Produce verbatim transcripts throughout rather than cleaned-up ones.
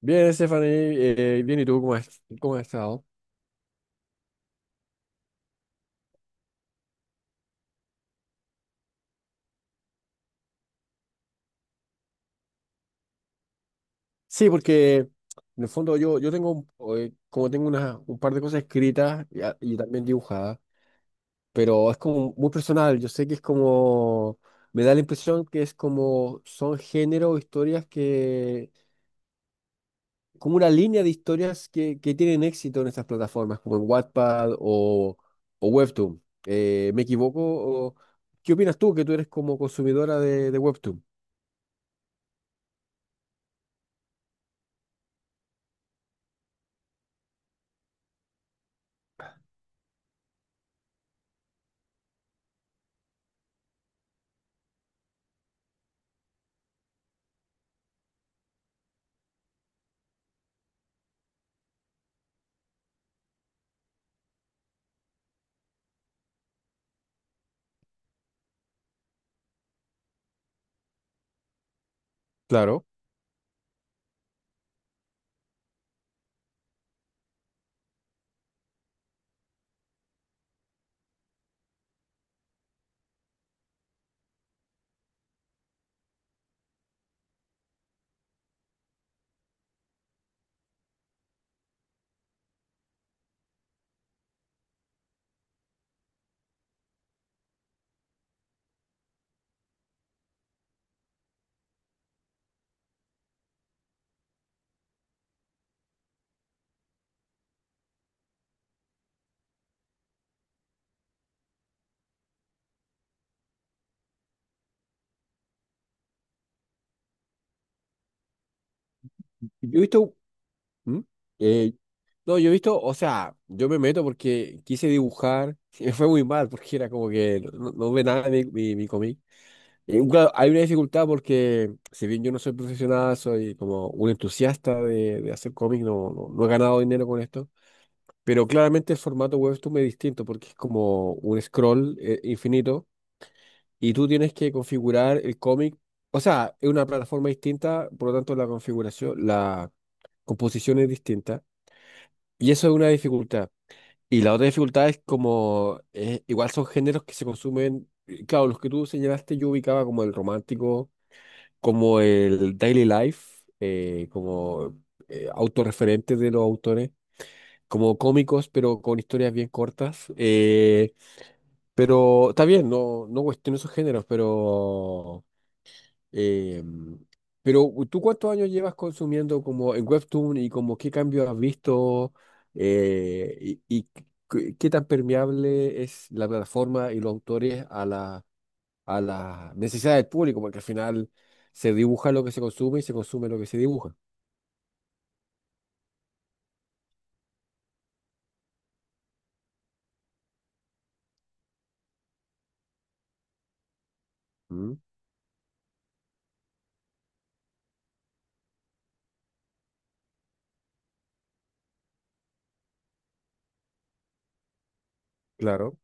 Bien, Stephanie, eh, bien, ¿y tú cómo has, cómo has estado? Sí, porque en el fondo yo, yo tengo, un- eh, como tengo una, un par de cosas escritas y, a- y también dibujadas, pero es como muy personal, yo sé que es como, me da la impresión que es como, son género, historias que, como una línea de historias que, que tienen éxito en estas plataformas, como en Wattpad o, o Webtoon. Eh, ¿me equivoco? O- ¿Qué opinas tú, que tú eres como consumidora de, de Webtoon? Claro. Yo he visto. ¿Mm? Eh, no, yo he visto, o sea, yo me meto porque quise dibujar, y me fue muy mal porque era como que no, no ve nada mi, mi, mi cómic. Y, claro, hay una dificultad porque si bien yo no soy profesional, soy como un entusiasta de, de hacer cómics, no, no, no he ganado dinero con esto, pero claramente el formato webtoon es distinto porque es como un scroll eh, infinito y tú tienes que configurar el cómic, o sea, es una plataforma distinta, por lo tanto la configuración, la composición es distinta. Y eso es una dificultad. Y la otra dificultad es como, eh, igual son géneros que se consumen, eh, claro, los que tú señalaste yo ubicaba como el romántico, como el daily life, eh, como eh, autorreferentes de los autores, como cómicos, pero con historias bien cortas. Eh, pero está bien, no, no cuestiono esos géneros, pero... Eh, pero ¿tú cuántos años llevas consumiendo como en Webtoon y como qué cambio has visto eh, y, y qué qué tan permeable es la plataforma y los autores a la, a las necesidades del público? Porque al final se dibuja lo que se consume y se consume lo que se dibuja. ¿Mm? Claro.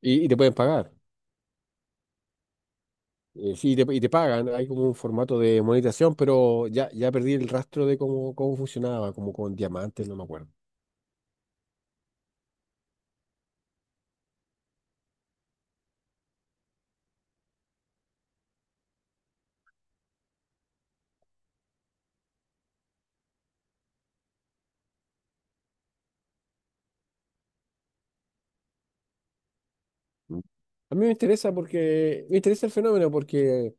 Y, y te pueden pagar. Eh, sí, y te, y te pagan. Hay como un formato de monetización, pero ya, ya perdí el rastro de cómo, cómo funcionaba, como con diamantes, no me acuerdo. Mm. A mí me interesa porque me interesa el fenómeno porque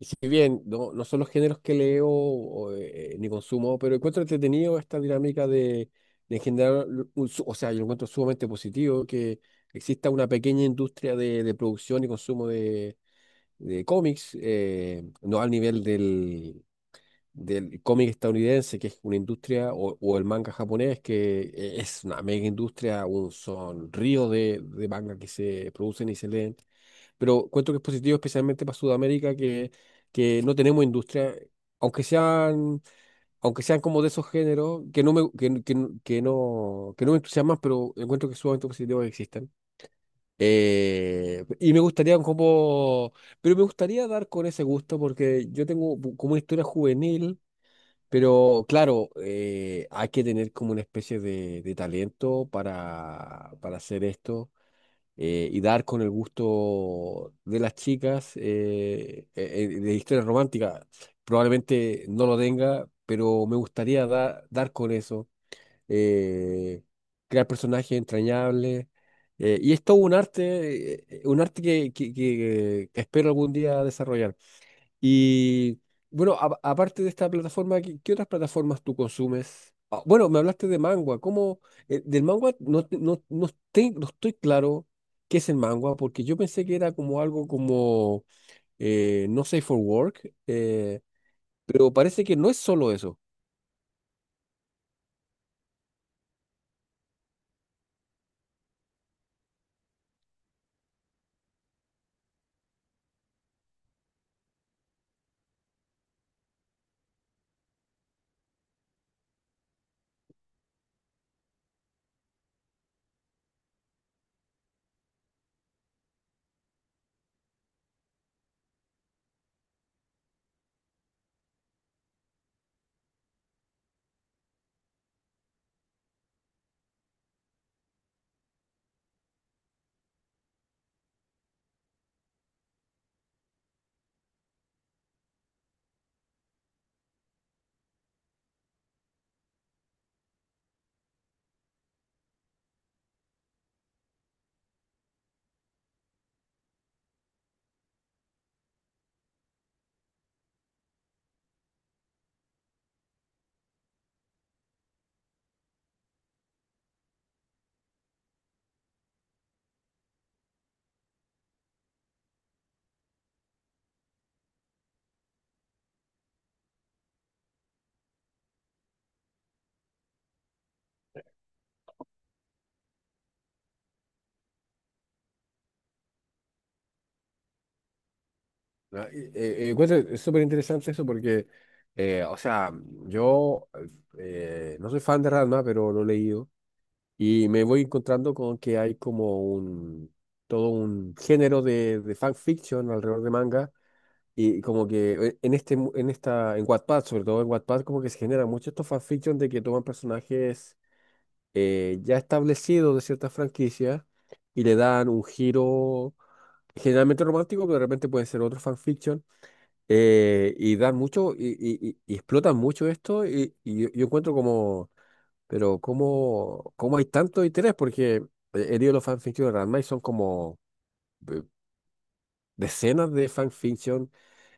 si bien no, no son los géneros que leo o, eh, ni consumo, pero encuentro entretenido esta dinámica de, de generar un, su- o sea, yo lo encuentro sumamente positivo que exista una pequeña industria de, de producción y consumo de, de cómics, eh, no al nivel del, del cómic estadounidense, que es una industria, o, o el manga japonés, que eh, es una mega industria, un sonrío de, de manga que se producen y se leen. Pero cuento que es positivo especialmente para Sudamérica, que, que no tenemos industria, aunque sean, aunque sean como de esos géneros, que no me, que, que, no, que no, que no me entusiasman, pero encuentro que es sumamente positivo que existan. Eh, y me gustaría como, pero me gustaría dar con ese gusto porque yo tengo bu- como una historia juvenil, pero claro, eh, hay que tener como una especie de, de talento para, para hacer esto, eh, y dar con el gusto de las chicas eh, eh, eh, de historias románticas. Probablemente no lo tenga, pero me gustaría dar dar con eso, eh, crear personajes entrañables. Eh, y es todo un arte, eh, eh, un arte que, que que- que espero algún día desarrollar. Y bueno, a- aparte de esta plataforma, ¿qué, qué otras plataformas tú consumes? Ah, bueno, me hablaste de Mangua. ¿Cómo? Eh, del Mangua no, te- no, no, te- no estoy claro qué es el Mangua, porque yo pensé que era como algo como eh, no safe for work, eh, pero parece que no es solo eso. Ah, eh, eh, encuentro- es súper interesante eso porque, eh, o sea, yo eh, no soy fan de Ranma, pero lo leí. Y me voy encontrando con que hay como un, todo un género de, de fanfiction alrededor de manga. Y como que eh, en este, mu- en esta, en Wattpad, sobre todo en Wattpad, como que se generan muchos estos fanfiction de que toman personajes eh, ya establecidos de ciertas franquicias y le dan un giro generalmente romántico, pero de repente pueden ser otros fanfiction. Eh, y dan mucho, y, y- y- y explotan mucho esto, y, y yo yo encuentro como pero ¿cómo, cómo hay tanto interés? Porque eh, he leído los fanfictions de Ranma y son como eh, decenas de fanfiction.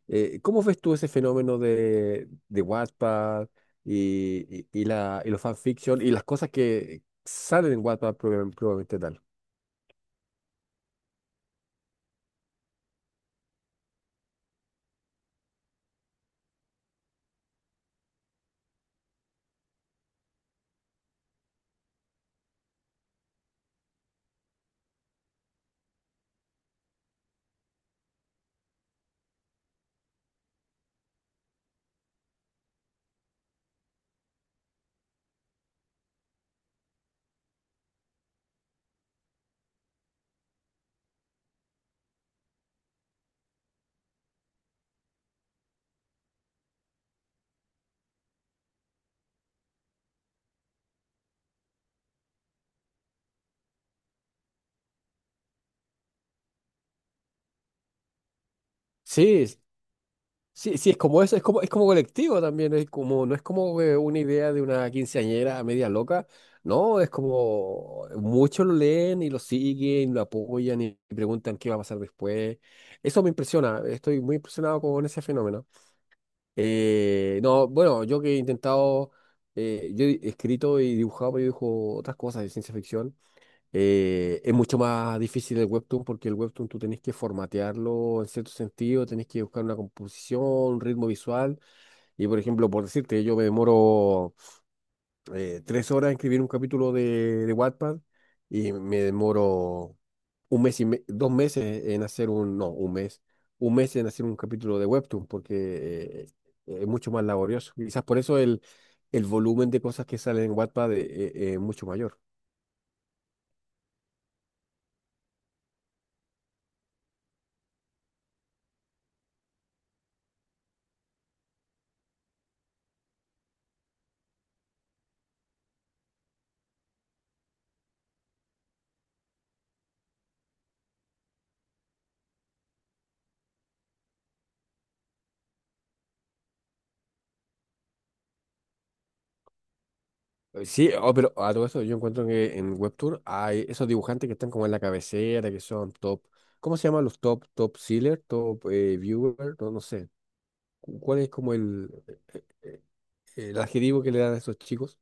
Eh, ¿cómo ves tú ese fenómeno de, de Wattpad y, y, y la, y los fanfiction y las cosas que salen en Wattpad proba- probablemente tal? Sí, sí, sí, es como eso, es como, es como colectivo también, es como, no es como eh, una idea de una quinceañera media loca, no, es como muchos lo leen y lo siguen, lo apoyan y preguntan qué va a pasar después. Eso me impresiona, estoy muy impresionado con ese fenómeno. Eh, no, bueno, yo que he intentado, eh, yo he escrito y dibujado, pero yo dibujo otras cosas de ciencia ficción. Eh, es mucho más difícil el webtoon porque el webtoon tú tenés que formatearlo en cierto sentido, tenés que buscar una composición, un ritmo visual. Y por ejemplo, por decirte, yo me demoro eh, tres horas en escribir un capítulo de, de Wattpad y me demoro un mes y me- dos meses en hacer un, no, un mes, un mes en hacer un capítulo de webtoon porque eh, es mucho más laborioso. Quizás por eso el, el volumen de cosas que salen en Wattpad es es- es mucho mayor. Eh, Sí, oh, pero a todo esto yo encuentro que en Webtoon hay esos dibujantes que están como en la cabecera, que son top. ¿Cómo se llaman los top, top sealer, top eh, viewer? No, no sé, cu- ¿cuál es como el, eh, el adjetivo que le dan a esos chicos?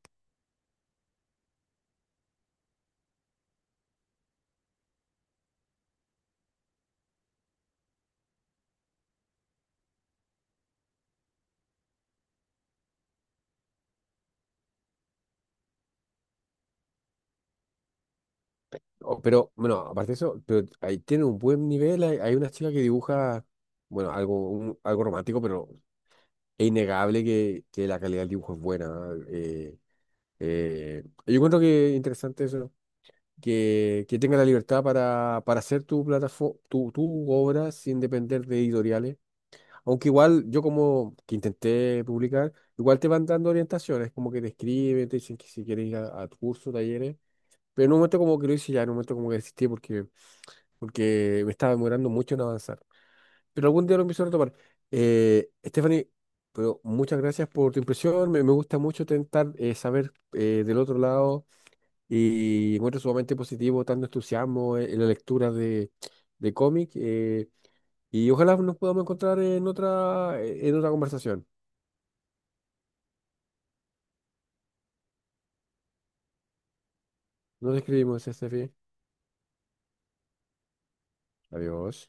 Oh, pero bueno, aparte de eso, pero ahí tienen un buen nivel, hay, hay una chica que dibuja, bueno, algo, un- algo romántico, pero es innegable que, que la calidad del dibujo es buena. ¿Eh? Eh, eh, yo encuentro que interesante eso. que, que tenga la libertad para, para hacer tu plataforma, tu, tu obra sin depender de editoriales. Aunque igual yo como que intenté publicar, igual te van dando orientaciones, como que te escriben, te dicen que si quieres ir a, a tu talleres. Pero en un momento como que lo hice ya, en un momento como que desistí porque, porque me estaba demorando mucho en avanzar. Pero algún día lo empiezo a retomar. Eh, Stephanie, pero muchas gracias por tu impresión. Me, me gusta mucho intentar eh, saber eh, del otro lado y encuentro sumamente positivo tanto entusiasmo en en la lectura de, de cómic. Eh, y ojalá nos podamos encontrar en otra, en otra conversación. Nos escribimos, Estefi. Adiós.